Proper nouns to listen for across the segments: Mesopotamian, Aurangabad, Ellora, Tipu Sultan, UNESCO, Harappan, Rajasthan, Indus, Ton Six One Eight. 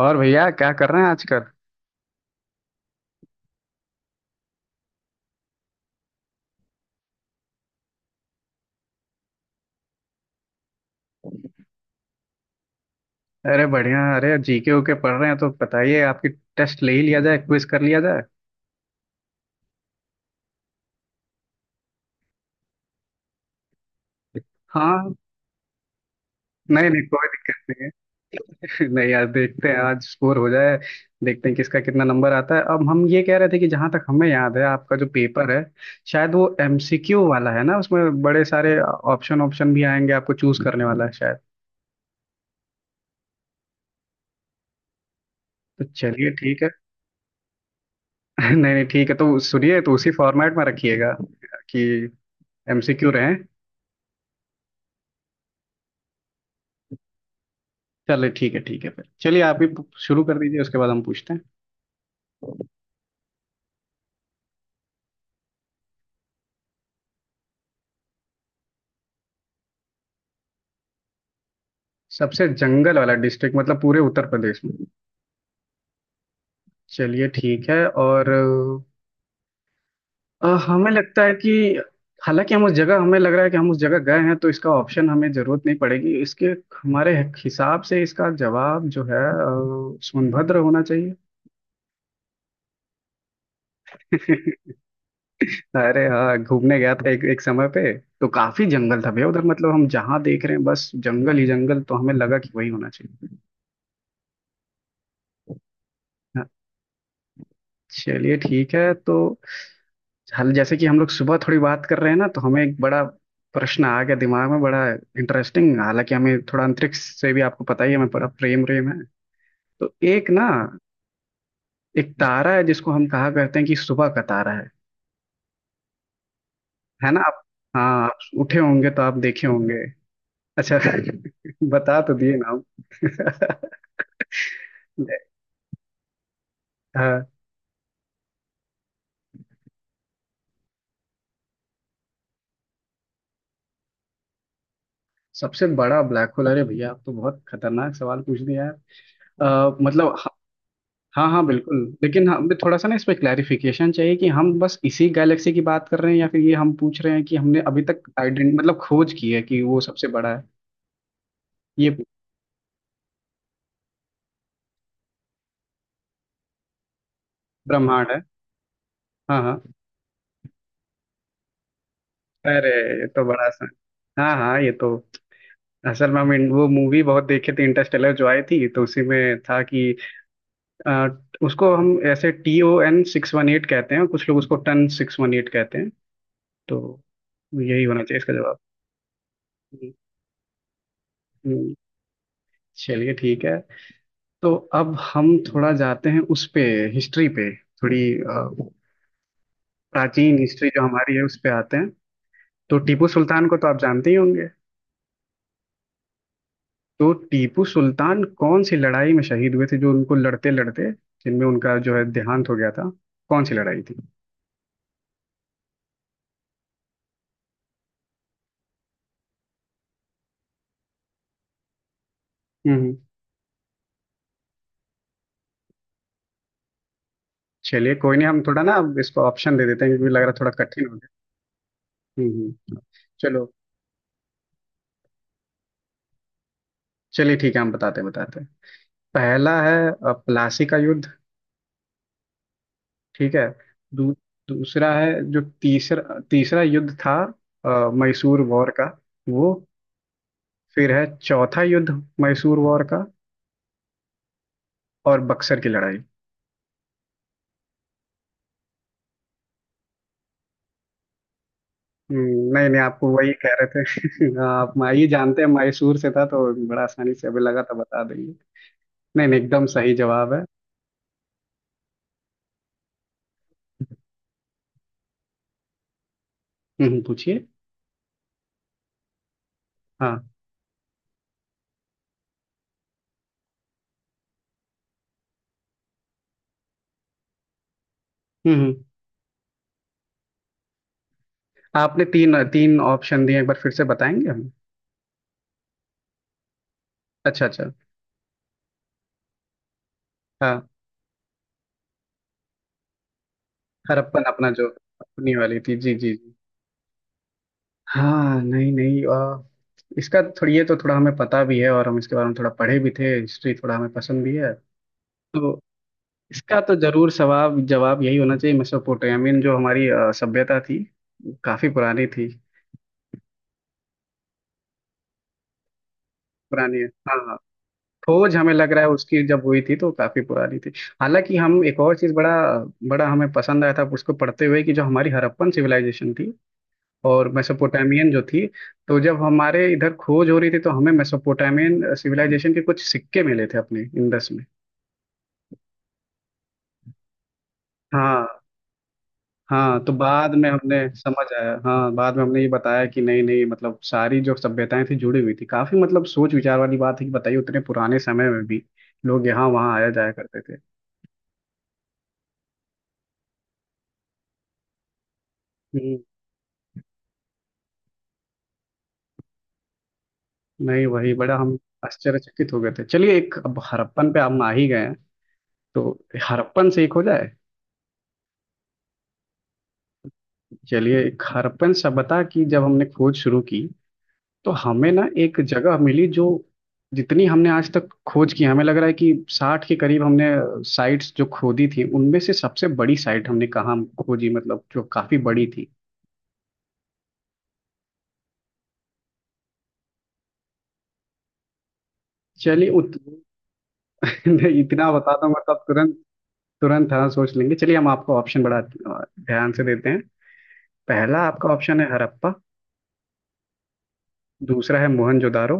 और भैया क्या कर रहे हैं आजकल। अरे बढ़िया। अरे जीके ओके पढ़ रहे हैं तो बताइए आपकी। टेस्ट ले ही लिया जाए, क्विज कर लिया जाए। हाँ। नहीं नहीं, कोई दिक्कत नहीं है। नहीं यार, देखते हैं आज स्कोर हो जाए। देखते हैं किसका कितना नंबर आता है। अब हम ये कह रहे थे कि जहां तक हमें याद है, आपका जो पेपर है शायद वो एमसीक्यू वाला है ना, उसमें बड़े सारे ऑप्शन ऑप्शन भी आएंगे, आपको चूज करने वाला है शायद। तो चलिए ठीक है। नहीं नहीं ठीक है, तो सुनिए, तो उसी फॉर्मेट में रखिएगा कि एमसीक्यू रहे। चलिए ठीक है ठीक है, फिर चलिए आप ही शुरू कर दीजिए, उसके बाद हम पूछते हैं। सबसे जंगल वाला डिस्ट्रिक्ट मतलब पूरे उत्तर प्रदेश में? चलिए ठीक है। और हमें लगता है कि, हालांकि हम उस जगह, हमें लग रहा है कि हम उस जगह गए हैं तो इसका ऑप्शन हमें जरूरत नहीं पड़ेगी। इसके हमारे हिसाब से इसका जवाब जो है सोनभद्र होना चाहिए। अरे हाँ, घूमने गया था एक एक समय पे। तो काफी जंगल था भैया उधर, मतलब हम जहाँ देख रहे हैं बस जंगल ही जंगल, तो हमें लगा कि वही होना चाहिए। चलिए ठीक है। तो हल जैसे कि हम लोग सुबह थोड़ी बात कर रहे हैं ना, तो हमें एक बड़ा प्रश्न आ गया दिमाग में, बड़ा इंटरेस्टिंग। हालांकि हमें थोड़ा अंतरिक्ष से भी, आपको पता ही है, हमें बड़ा प्रेम प्रेम है। तो एक ना, एक तारा है जिसको हम कहा करते हैं कि सुबह का तारा है ना आप? हाँ, आप उठे होंगे तो आप देखे होंगे। अच्छा बता तो दिए ना आप। हाँ। सबसे बड़ा ब्लैक होल? अरे भैया, आप तो बहुत खतरनाक सवाल पूछ दिया है। मतलब, हाँ हाँ बिल्कुल। लेकिन हमें थोड़ा सा ना इस पे क्लैरिफिकेशन चाहिए कि हम बस इसी गैलेक्सी की बात कर रहे हैं, या फिर ये हम पूछ रहे हैं कि हमने अभी तक आइडेंट मतलब खोज की है कि वो सबसे बड़ा है? ये ब्रह्मांड है। हाँ हाँ। अरे ये तो बड़ा सा। हाँ हाँ ये तो, असल में हम वो मूवी बहुत देखे थे, इंटरस्टेलर जो आई थी, तो उसी में था कि अ, उसको हम ऐसे TON 618 कहते हैं, कुछ लोग उसको TON 618 कहते हैं। तो यही होना चाहिए इसका जवाब। हम्म। हम्म। चलिए ठीक है। तो अब हम थोड़ा जाते हैं उस पे, हिस्ट्री पे, थोड़ी प्राचीन हिस्ट्री जो हमारी है उस पे आते हैं। तो टीपू सुल्तान को तो आप जानते ही होंगे। तो टीपू सुल्तान कौन सी लड़ाई में शहीद हुए थे, जो उनको लड़ते लड़ते, जिनमें उनका जो है देहांत हो गया था, कौन सी लड़ाई थी? हम्म। चलिए कोई नहीं, हम थोड़ा ना अब इसको ऑप्शन दे देते हैं, क्योंकि लग रहा है थोड़ा कठिन हो गया। हम्म हम्म। चलो। चलिए ठीक है, हम बताते बताते। पहला है प्लासी का युद्ध। ठीक है। दू, दूसरा है, जो तीसरा तीसरा युद्ध था, मैसूर वॉर का। वो, फिर है चौथा युद्ध, मैसूर वॉर का। और बक्सर की लड़ाई। नहीं नहीं, आपको वही कह रहे थे। हाँ, आप, मैं, ये जानते हैं मैसूर से था तो बड़ा आसानी से अभी लगा था बता देंगे। नहीं नहीं, एकदम सही जवाब है। पूछिए। हाँ। हम्म हम्म। आपने तीन तीन ऑप्शन दिए, एक बार फिर से बताएंगे हम? अच्छा अच्छा। हाँ। हरप्पन, अपना जो अपनी वाली थी, जी जी जी। हाँ, नहीं नहीं, इसका थोड़ी, ये तो थोड़ा हमें पता भी है और हम इसके बारे में थोड़ा पढ़े भी थे, हिस्ट्री थोड़ा हमें पसंद भी है। तो इसका तो जरूर सवाब जवाब यही होना चाहिए, मेसोपोटामियन जो हमारी सभ्यता थी, काफी पुरानी थी। पुरानी है, हाँ हाँ। खोज हमें लग रहा है उसकी जब हुई थी तो काफी पुरानी थी। हालांकि हम एक और चीज, बड़ा बड़ा हमें पसंद आया था उसको पढ़ते हुए, कि जो हमारी हड़प्पन सिविलाइजेशन थी और मेसोपोटामियन जो थी, तो जब हमारे इधर खोज हो रही थी तो हमें मेसोपोटामियन सिविलाइजेशन के कुछ सिक्के मिले थे अपने इंडस में। हाँ हाँ। तो बाद में हमने समझ आया, हाँ बाद में हमने ये बताया कि नहीं नहीं, मतलब सारी जो सभ्यताएं थी जुड़ी हुई थी काफी, मतलब सोच विचार वाली बात है कि, बताइए उतने पुराने समय में भी लोग यहाँ वहाँ आया जाया करते थे। हम्म, नहीं वही, बड़ा हम आश्चर्यचकित हो गए थे। चलिए एक, अब हड़प्पन पे हम आ ही गए हैं तो हड़प्पन से एक हो जाए। चलिए, एक हड़प्पन सभ्यता की जब हमने खोज शुरू की तो हमें ना एक जगह मिली जो, जितनी हमने आज तक खोज की हमें लग रहा है कि 60 के करीब हमने साइट्स जो खोदी थी, उनमें से सबसे बड़ी साइट हमने कहाँ खोजी, मतलब जो काफी बड़ी थी? चलिए नहीं, इतना बता दूं मतलब तुरंत तुरंत, हाँ सोच लेंगे। चलिए हम आपको ऑप्शन बड़ा ध्यान से देते हैं। पहला आपका ऑप्शन है हड़प्पा। दूसरा है मोहनजोदारो।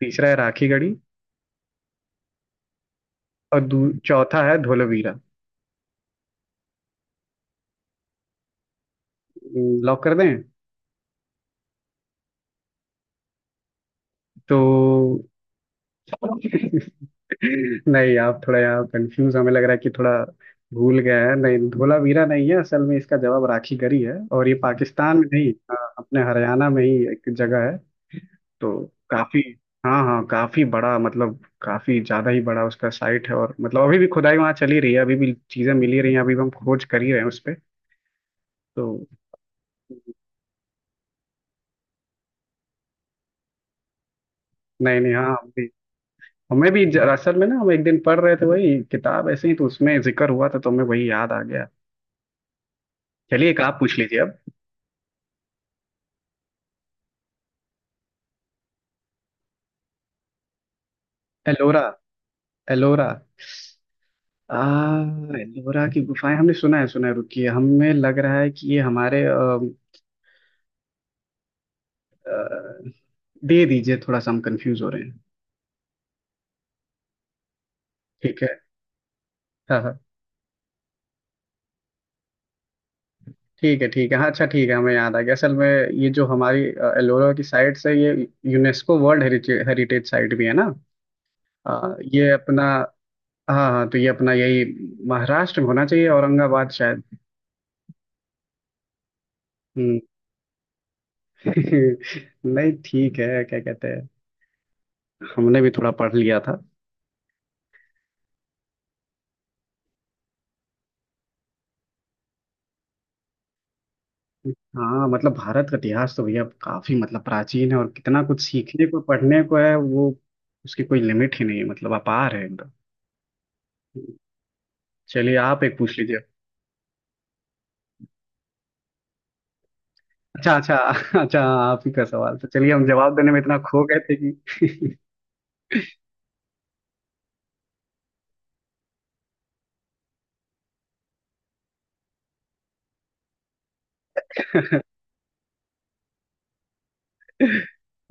तीसरा है राखीगढ़ी। और चौथा है धोलावीरा। लॉक कर दें? तो नहीं, आप थोड़ा यहाँ कंफ्यूज, हमें लग रहा है कि थोड़ा भूल गए हैं, नहीं धोलावीरा नहीं है, असल में इसका जवाब राखी गरी है, और ये पाकिस्तान में नहीं, अपने हरियाणा में ही एक जगह है। तो काफी, हाँ हाँ, काफी बड़ा, मतलब काफी ज्यादा ही बड़ा उसका साइट है, और मतलब अभी भी खुदाई वहाँ चली रही है, अभी भी चीजें मिल ही रही हैं, अभी भी हम खोज कर ही रहे हैं उस पे। तो नहीं नहीं, हाँ हम भी, हमें भी असल में ना हम एक दिन पढ़ रहे थे वही किताब ऐसे ही, तो उसमें जिक्र हुआ था तो हमें वही याद आ गया। चलिए एक आप पूछ लीजिए अब। एलोरा। एलोरा। आ। एलोरा की गुफाएं, हमने सुना है सुना है, रुकिए हमें लग रहा है कि ये हमारे अ, दे दीजिए थोड़ा सा, हम कंफ्यूज हो रहे हैं। ठीक है। हाँ हाँ। ठीक है हाँ, अच्छा ठीक है, हमें याद आ गया असल में, ये जो हमारी एलोरा की साइट से, ये UNESCO world heritage heritage site भी है ना। आ, ये अपना। हाँ हाँ, तो ये अपना यही महाराष्ट्र में होना चाहिए, औरंगाबाद शायद। हम्म। नहीं ठीक है, क्या कहते हैं, हमने भी थोड़ा पढ़ लिया था। हाँ मतलब भारत का इतिहास तो भैया काफी मतलब प्राचीन है, और कितना कुछ सीखने को पढ़ने को है वो, उसकी कोई लिमिट ही नहीं है, मतलब अपार है एकदम। चलिए आप एक पूछ लीजिए। अच्छा अच्छा। अच्छा आप ही का सवाल तो, चलिए हम जवाब देने में इतना खो गए थे कि,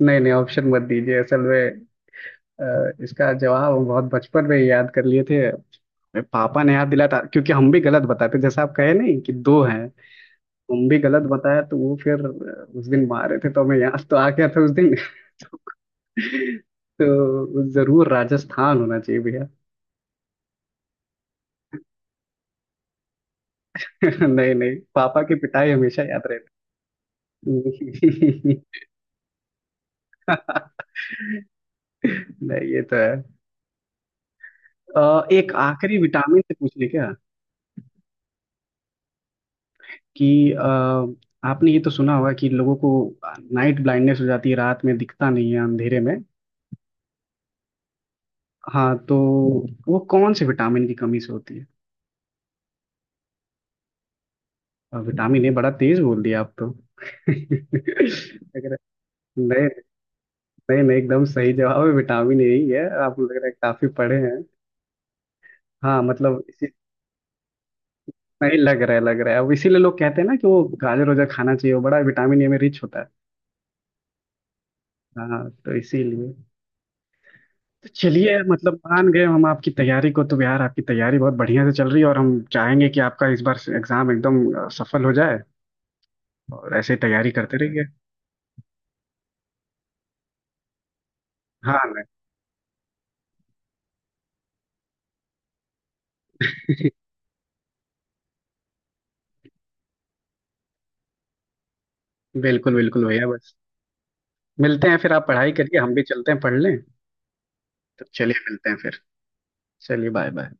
नहीं नहीं ऑप्शन मत दीजिए, असल में इसका जवाब हम बहुत बचपन में ही याद कर लिए थे, मेरे पापा ने याद दिलाया था, क्योंकि हम भी गलत बताते जैसे, आप कहे नहीं कि दो हैं, हम भी गलत बताया तो वो फिर उस दिन मारे थे, तो हमें याद तो आ गया था उस दिन। तो जरूर राजस्थान होना चाहिए भैया। नहीं नहीं, पापा की पिटाई हमेशा याद रहती है। नहीं ये तो है। एक आखिरी विटामिन से पूछ ले क्या, कि आपने ये तो सुना होगा कि लोगों को नाइट ब्लाइंडनेस हो जाती है, रात में दिखता नहीं है अंधेरे में। हाँ तो वो कौन से विटामिन की कमी से होती है? Vitamin A? बड़ा तेज बोल दिया आप तो। लग रहा है- नहीं, नहीं नहीं, एकदम सही जवाब है, विटामिन ए ही है, आपको लग रहा है काफी पढ़े हैं। हाँ मतलब, नहीं लग रहा है लग रहा है अब। इसीलिए लोग कहते हैं ना कि वो गाजर वाजर खाना चाहिए, वो बड़ा विटामिन ए में रिच होता है। हाँ तो इसीलिए, तो चलिए मतलब मान गए हम आपकी तैयारी को, तो यार आपकी तैयारी बहुत बढ़िया से चल रही है, और हम चाहेंगे कि आपका इस बार एग्जाम एकदम सफल हो जाए, और ऐसे ही तैयारी करते रहिए। हाँ। नहीं बिल्कुल बिल्कुल भैया, बस मिलते हैं फिर, आप पढ़ाई करिए, हम भी चलते हैं पढ़ लें। तो चलिए मिलते हैं फिर। चलिए बाय बाय।